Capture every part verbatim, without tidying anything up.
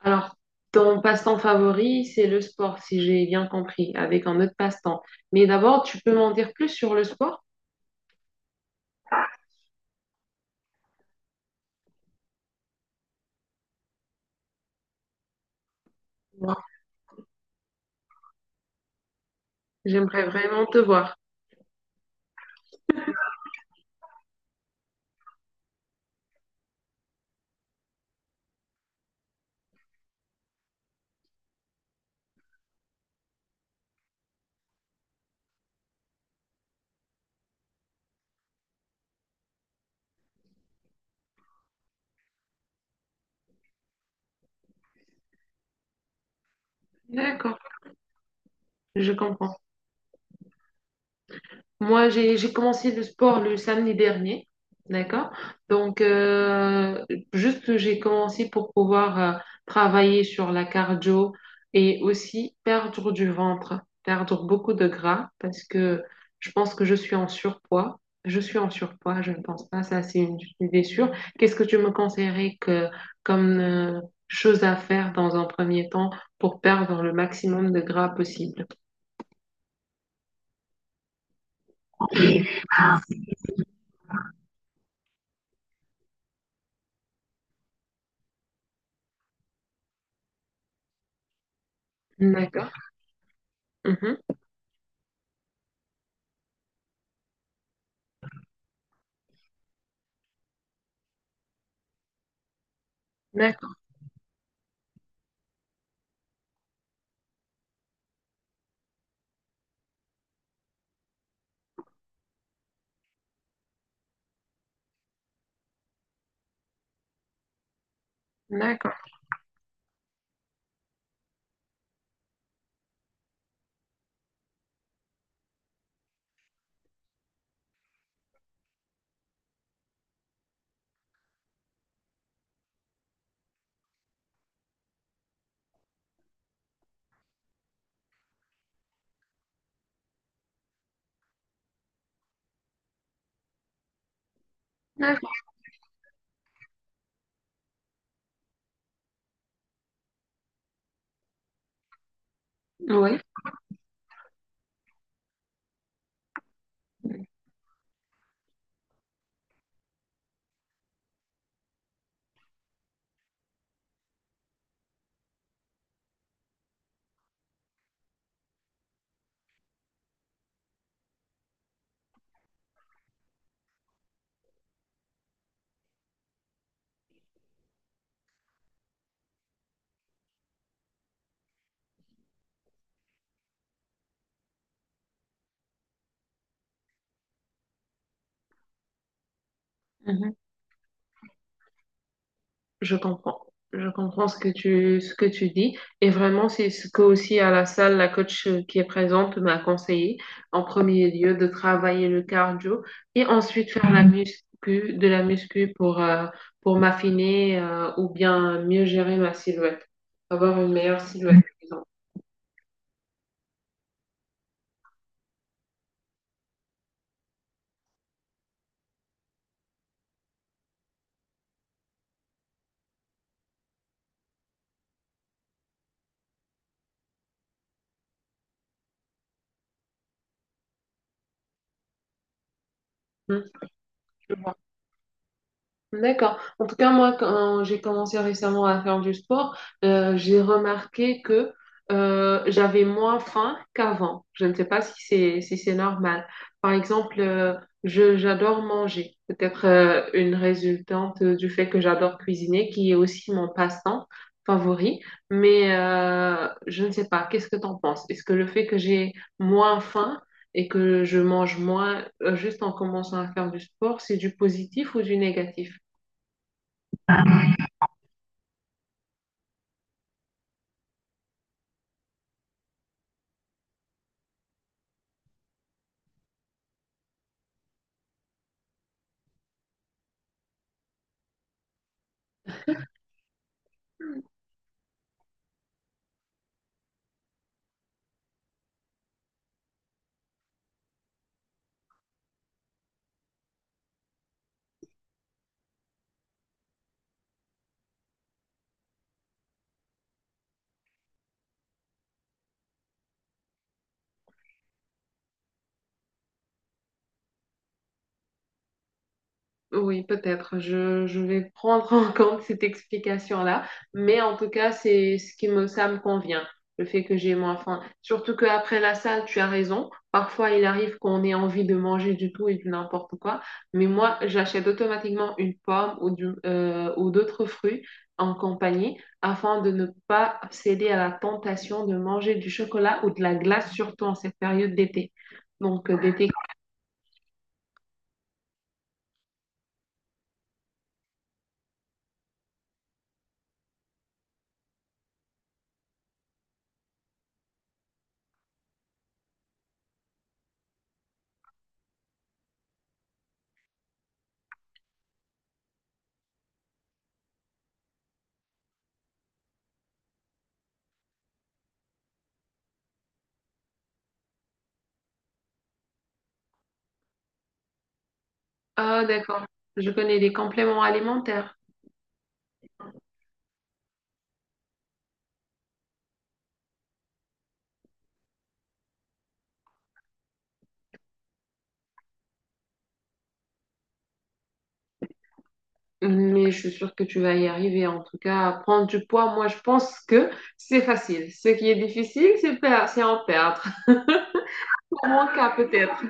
Alors, ton passe-temps favori, c'est le sport, si j'ai bien compris, avec un autre passe-temps. Mais d'abord, tu peux m'en dire plus sur le sport? Moi, j'aimerais vraiment te voir. D'accord, je comprends. Moi, j'ai j'ai commencé le sport le samedi dernier, d'accord? Donc, euh, juste j'ai commencé pour pouvoir euh, travailler sur la cardio et aussi perdre du ventre, perdre beaucoup de gras parce que je pense que je suis en surpoids. Je suis en surpoids, je ne pense pas, ça c'est une idée sûre. Qu'est-ce que tu me conseillerais que, comme euh, chose à faire dans un premier temps pour perdre le maximum de gras possible? D'accord. Mhm. D'accord, d'accord, d'accord. Oui. Mhm. Je comprends. Je comprends ce que tu, ce que tu dis. Et vraiment, c'est ce que aussi à la salle, la coach euh, qui est présente m'a conseillé, en premier lieu, de travailler le cardio et ensuite faire la muscu, de la muscu pour, euh, pour m'affiner euh, ou bien mieux gérer ma silhouette, avoir une meilleure silhouette, disons. Je vois. D'accord. En tout cas, moi, quand j'ai commencé récemment à faire du sport, euh, j'ai remarqué que euh, j'avais moins faim qu'avant. Je ne sais pas si c'est si c'est normal. Par exemple, euh, je j'adore manger. Peut-être euh, une résultante du fait que j'adore cuisiner, qui est aussi mon passe-temps favori. Mais euh, je ne sais pas. Qu'est-ce que t'en penses? Est-ce que le fait que j'ai moins faim et que je mange moins, euh, juste en commençant à faire du sport, c'est du positif ou du négatif? Oui, peut-être. Je, je vais prendre en compte cette explication-là. Mais en tout cas, c'est ce qui me, ça me convient, le fait que j'ai moins faim. Surtout qu'après la salle, tu as raison. Parfois, il arrive qu'on ait envie de manger du tout et du n'importe quoi. Mais moi, j'achète automatiquement une pomme ou, du- euh, ou d'autres fruits en compagnie afin de ne pas céder à la tentation de manger du chocolat ou de la glace, surtout en cette période d'été. Donc, euh, d'été. Ah, d'accord. Je connais des compléments alimentaires. Mais je suis sûre que tu vas y arriver. En tout cas, prendre du poids, moi, je pense que c'est facile. Ce qui est difficile, c'est per- c'est en perdre. Pour mon cas, peut-être.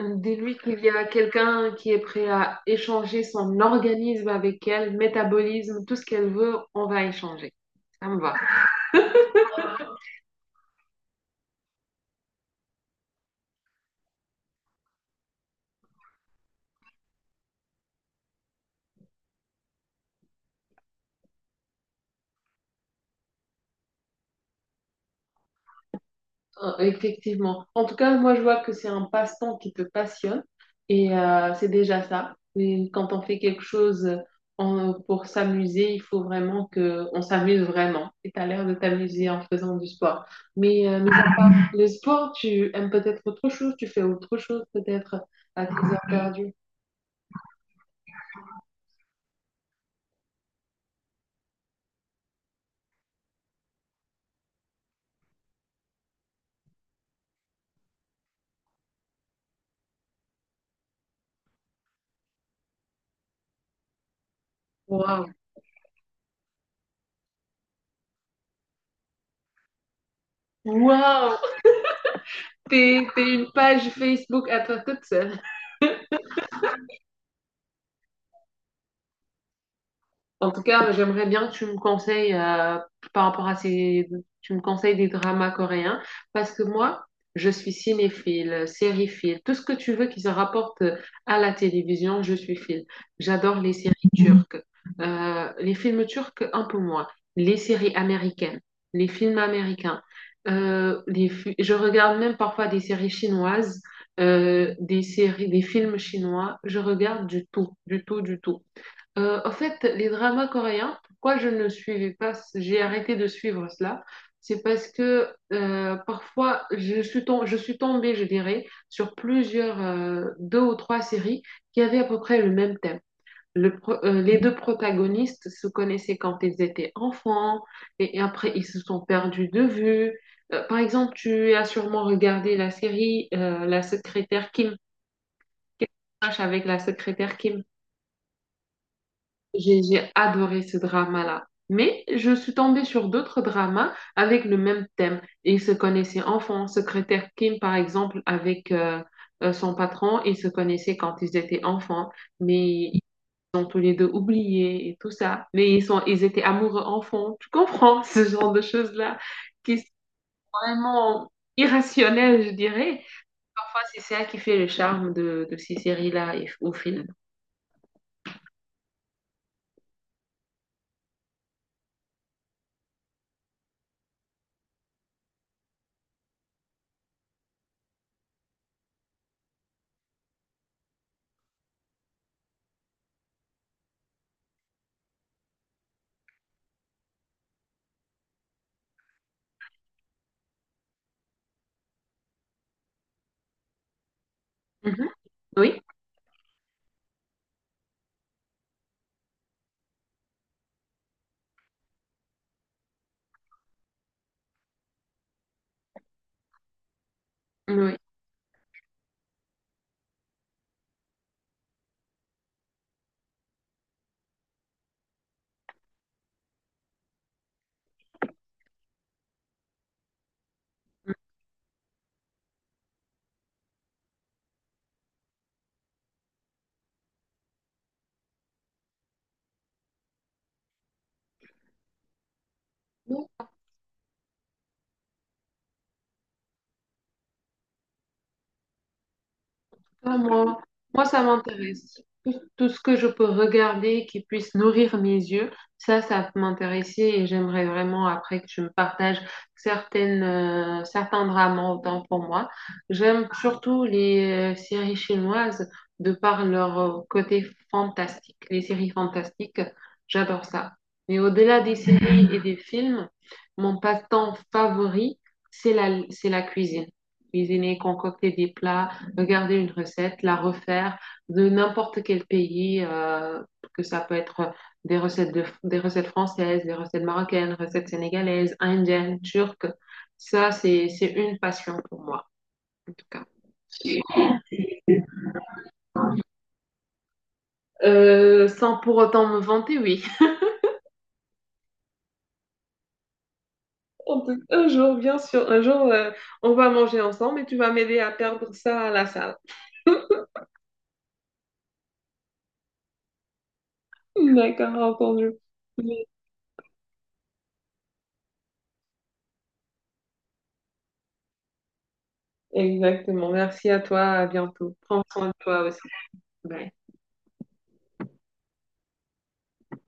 Dis-lui qu'il y a quelqu'un qui est prêt à échanger son organisme avec elle, métabolisme, tout ce qu'elle veut, on va échanger. Ça me va. Euh, Effectivement. En tout cas, moi, je vois que c'est un passe-temps qui te passionne et euh, c'est déjà ça. Mais quand on fait quelque chose euh, en- pour s'amuser, il faut vraiment que on s'amuse vraiment. Et tu as l'air de t'amuser en faisant du sport. Mais euh, mis à part le sport, tu aimes peut-être autre chose, tu fais autre chose peut-être à tes heures perdues. Waouh! Waouh! T'es, t'es une page Facebook à toi toute seule. En tout cas, j'aimerais bien que tu me conseilles euh, par rapport à ces, tu me conseilles des dramas coréens parce que moi, je suis cinéphile, sériephile, tout ce que tu veux qui se rapporte à la télévision, je suis file. J'adore les séries turques. Euh, les films turcs un peu moins, les séries américaines, les films américains. Euh, les fi- je regarde même parfois des séries chinoises, euh, des séries, des films chinois. Je regarde du tout, du tout, du tout. Euh, en fait, les dramas coréens, pourquoi je ne suivais pas, j'ai arrêté de suivre cela, c'est parce que euh, parfois je suis tom- je suis tombée, je dirais, sur plusieurs, euh, deux ou trois séries qui avaient à peu près le même thème. Le pro- euh, les deux protagonistes se connaissaient quand ils étaient enfants et, et après ils se sont perdus de vue. Euh, par exemple, tu as sûrement regardé la série euh, La secrétaire Kim, qui marche avec la secrétaire Kim. J'ai j'ai adoré ce drama-là. Mais je suis tombée sur d'autres dramas avec le même thème. Ils se connaissaient enfants. Secrétaire Kim, par exemple, avec euh, euh, son patron, ils se connaissaient quand ils étaient enfants. Mais ils ont tous les deux oublié et tout ça. Mais ils sont, ils étaient amoureux enfants. Tu comprends ce genre de choses-là qui sont vraiment irrationnelles, je dirais. Parfois, c'est ça qui fait le charme de, de ces séries-là et- ou films. Mhm. Oui, oui. Mm. Ah, moi, moi, ça m'intéresse. Tout, tout ce que je peux regarder qui puisse nourrir mes yeux, ça, ça peut m'intéresser et j'aimerais vraiment après que tu me partages certaines, euh, certains drames autant pour moi. J'aime surtout les euh, séries chinoises de par leur euh, côté fantastique, les séries fantastiques, j'adore ça. Mais au-delà des séries et des films, mon passe-temps favori, c'est la, c'est la cuisine. Cuisiner, concocter des plats, regarder une recette, la refaire de n'importe quel pays, euh, que ça peut être des recettes, de, des recettes françaises, des recettes marocaines, recettes sénégalaises, indiennes, turques. Ça, c'est, c'est une passion pour moi, en tout cas. Euh, sans pour autant me vanter, oui. Un jour, bien sûr, un jour, euh, on va manger ensemble et tu vas m'aider à perdre ça à la salle. D'accord, entendu. Exactement. Merci à toi. À bientôt. Prends soin de toi aussi. Bye.